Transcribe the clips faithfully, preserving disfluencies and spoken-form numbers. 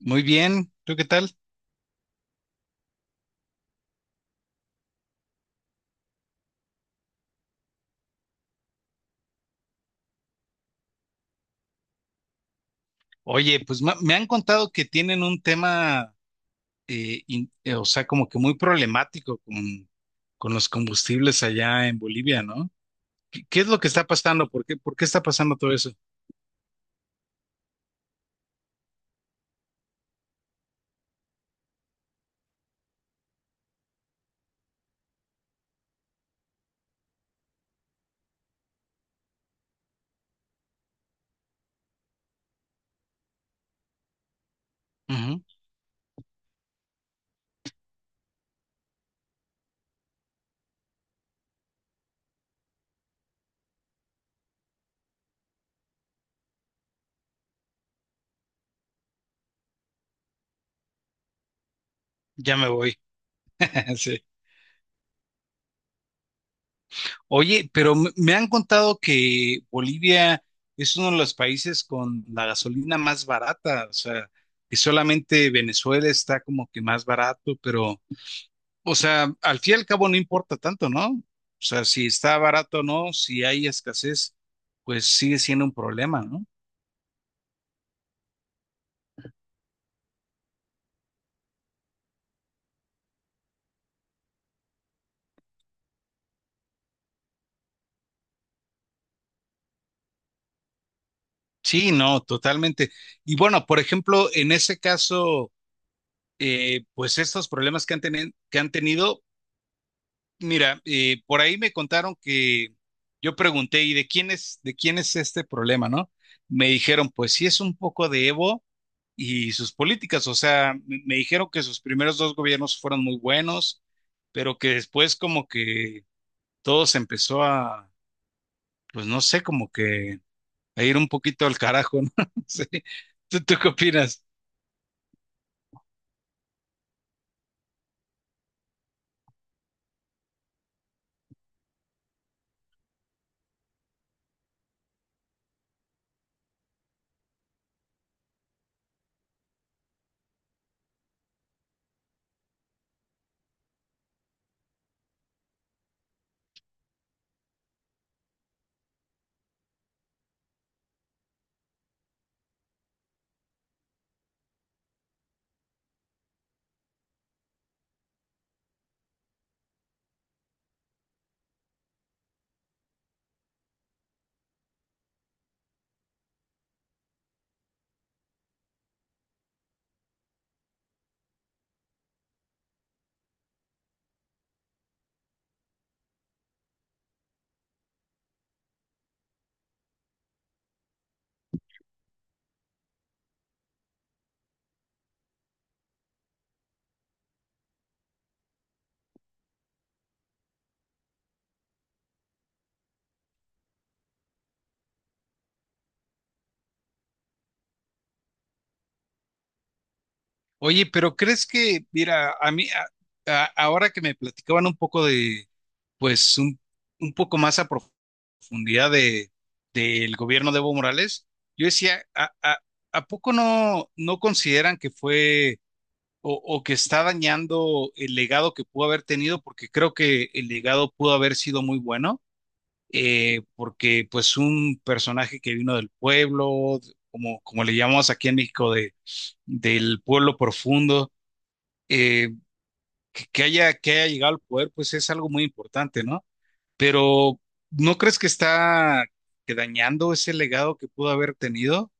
Muy bien, ¿tú qué tal? Oye, pues ma- me han contado que tienen un tema, eh, in- eh, o sea, como que muy problemático con, con los combustibles allá en Bolivia, ¿no? ¿Qué, qué es lo que está pasando? ¿Por qué, por qué está pasando todo eso? Ujú, ya me voy. Sí. Oye, pero me me han contado que Bolivia es uno de los países con la gasolina más barata, o sea, que solamente Venezuela está como que más barato, pero... O sea, al fin y al cabo no importa tanto, ¿no? O sea, si está barato o no, si hay escasez, pues sigue siendo un problema, ¿no? Sí, no, totalmente. Y bueno, por ejemplo, en ese caso, eh, pues estos problemas que han tenido, que han tenido, mira, eh, por ahí me contaron que yo pregunté, ¿y de quién es, de quién es este problema, no? Me dijeron, pues sí, es un poco de Evo y sus políticas. O sea, me, me dijeron que sus primeros dos gobiernos fueron muy buenos, pero que después como que todo se empezó a, pues no sé, como que a ir un poquito al carajo, ¿no? Sí. ¿Tú, tú qué opinas? Oye, pero ¿crees que, mira, a mí, a- a- ahora que me platicaban un poco de, pues un, un poco más a profundidad de, del gobierno de Evo Morales, yo decía, ¿a, a, ¿a poco no, no consideran que fue o, o que está dañando el legado que pudo haber tenido? Porque creo que el legado pudo haber sido muy bueno, eh, porque pues un personaje que vino del pueblo, como, como le llamamos aquí en México, de, del pueblo profundo, eh, que, que haya, que haya llegado al poder, pues es algo muy importante, ¿no? Pero ¿no crees que está que dañando ese legado que pudo haber tenido?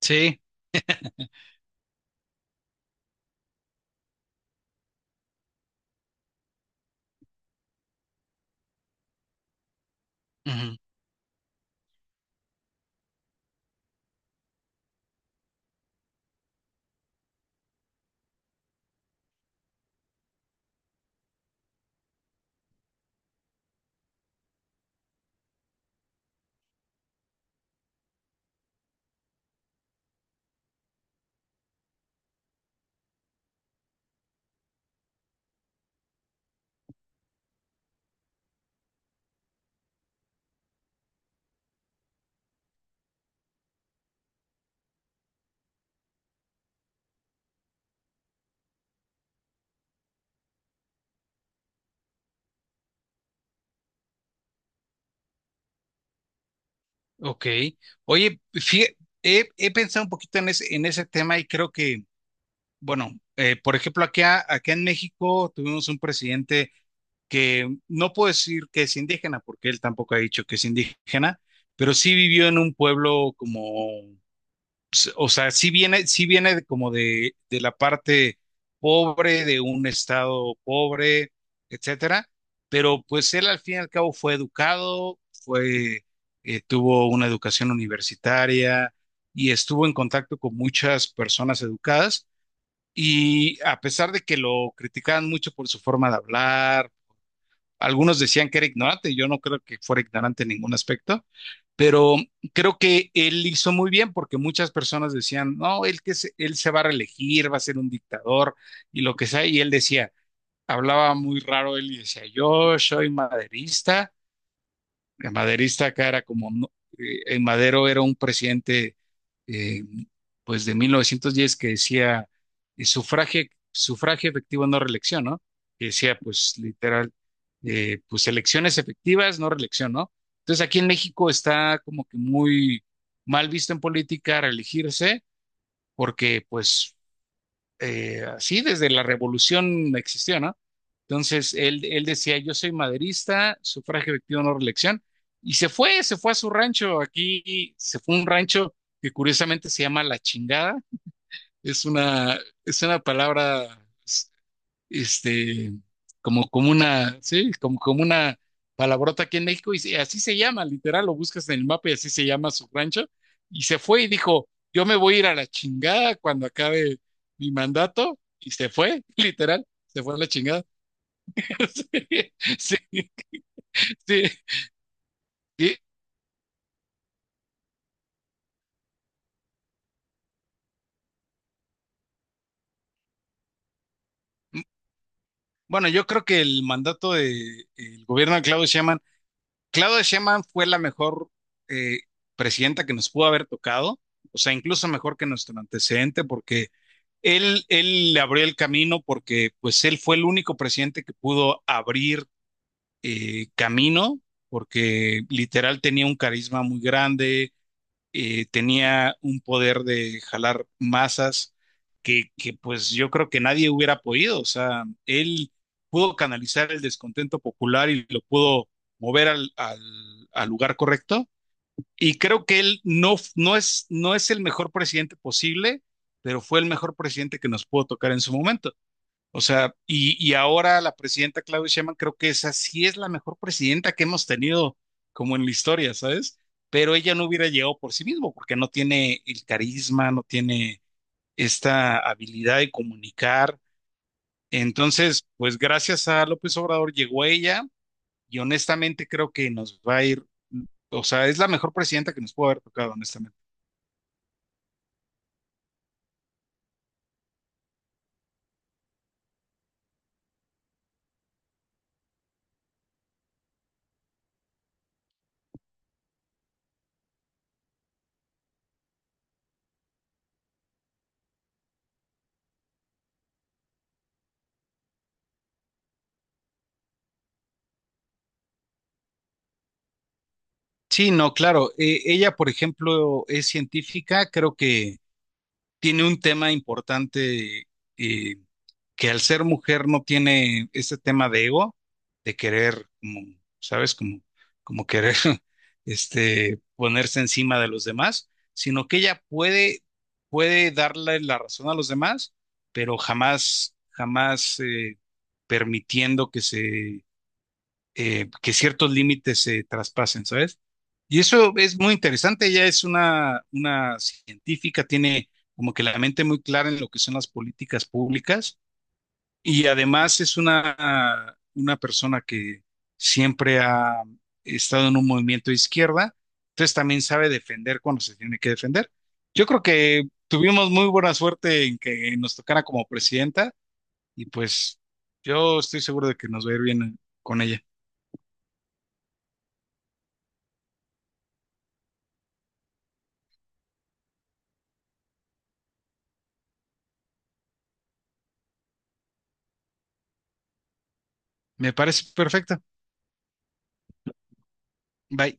Sí. Ujú. Ok. Oye, fí- he, he pensado un poquito en ese, en ese tema y creo que bueno, eh, por ejemplo, acá, acá en México tuvimos un presidente que no puedo decir que es indígena, porque él tampoco ha dicho que es indígena, pero sí vivió en un pueblo como, s- o sea, sí viene, sí viene de- como de, de la parte pobre, de un estado pobre, etcétera, pero pues él al fin y al cabo fue educado, fue, eh, tuvo una educación universitaria y estuvo en contacto con muchas personas educadas, y a pesar de que lo criticaban mucho por su forma de hablar, algunos decían que era ignorante, yo no creo que fuera ignorante en ningún aspecto, pero creo que él hizo muy bien. Porque muchas personas decían, no, él, que se, él se va a reelegir, va a ser un dictador y lo que sea, y él decía, hablaba muy raro él y decía, yo soy maderista. El maderista acá era como, no- eh, eh, Madero era un presidente, eh, pues de mil novecientos diez, que decía eh, sufragio, sufragio efectivo, no reelección, ¿no? Que decía pues literal, eh, pues elecciones efectivas, no reelección, ¿no? Entonces aquí en México está como que muy mal visto en política reelegirse, porque pues eh, así desde la revolución existió, ¿no? Entonces él, él decía, yo soy maderista, sufragio efectivo, no reelección, y se fue, se fue a su rancho, aquí se fue a un rancho que curiosamente se llama La Chingada, es una, es una palabra este, como, como una, sí, como, como una palabrota aquí en México, y se- así se llama, literal, lo buscas en el mapa y así se llama su rancho, y se fue y dijo, yo me voy a ir a la chingada cuando acabe mi mandato, y se fue, literal, se fue a la chingada. Sí, sí, sí. Y bueno, yo creo que el mandato del gobierno de Claudio Sheinbaum, Claudio Sheinbaum fue la mejor eh, presidenta que nos pudo haber tocado, o sea, incluso mejor que nuestro antecedente, porque Él, él le abrió el camino, porque pues él fue el único presidente que pudo abrir eh, camino, porque literal tenía un carisma muy grande, eh, tenía un poder de jalar masas que, que pues yo creo que nadie hubiera podido. O sea, él pudo canalizar el descontento popular y lo pudo mover al, al, al lugar correcto, y creo que él no, no es, no es el mejor presidente posible, pero fue el mejor presidente que nos pudo tocar en su momento. O sea, y, y ahora la presidenta Claudia Sheinbaum, creo que esa sí es la mejor presidenta que hemos tenido como en la historia, ¿sabes? Pero ella no hubiera llegado por sí mismo porque no tiene el carisma, no tiene esta habilidad de comunicar. Entonces, pues gracias a López Obrador llegó ella, y honestamente creo que nos va a ir, o sea, es la mejor presidenta que nos pudo haber tocado, honestamente. Sí, no, claro. Eh, ella, por ejemplo, es científica, creo que tiene un tema importante, eh, que al ser mujer no tiene ese tema de ego, de querer, como, ¿sabes? Como, como querer este, ponerse encima de los demás, sino que ella puede, puede darle la razón a los demás, pero jamás, jamás eh, permitiendo que se eh, que ciertos límites se traspasen, ¿sabes? Y eso es muy interesante, ella es una, una científica, tiene como que la mente muy clara en lo que son las políticas públicas, y además es una, una persona que siempre ha estado en un movimiento de izquierda, entonces también sabe defender cuando se tiene que defender. Yo creo que tuvimos muy buena suerte en que nos tocara como presidenta, y pues yo estoy seguro de que nos va a ir bien con ella. Me parece perfecto. Bye.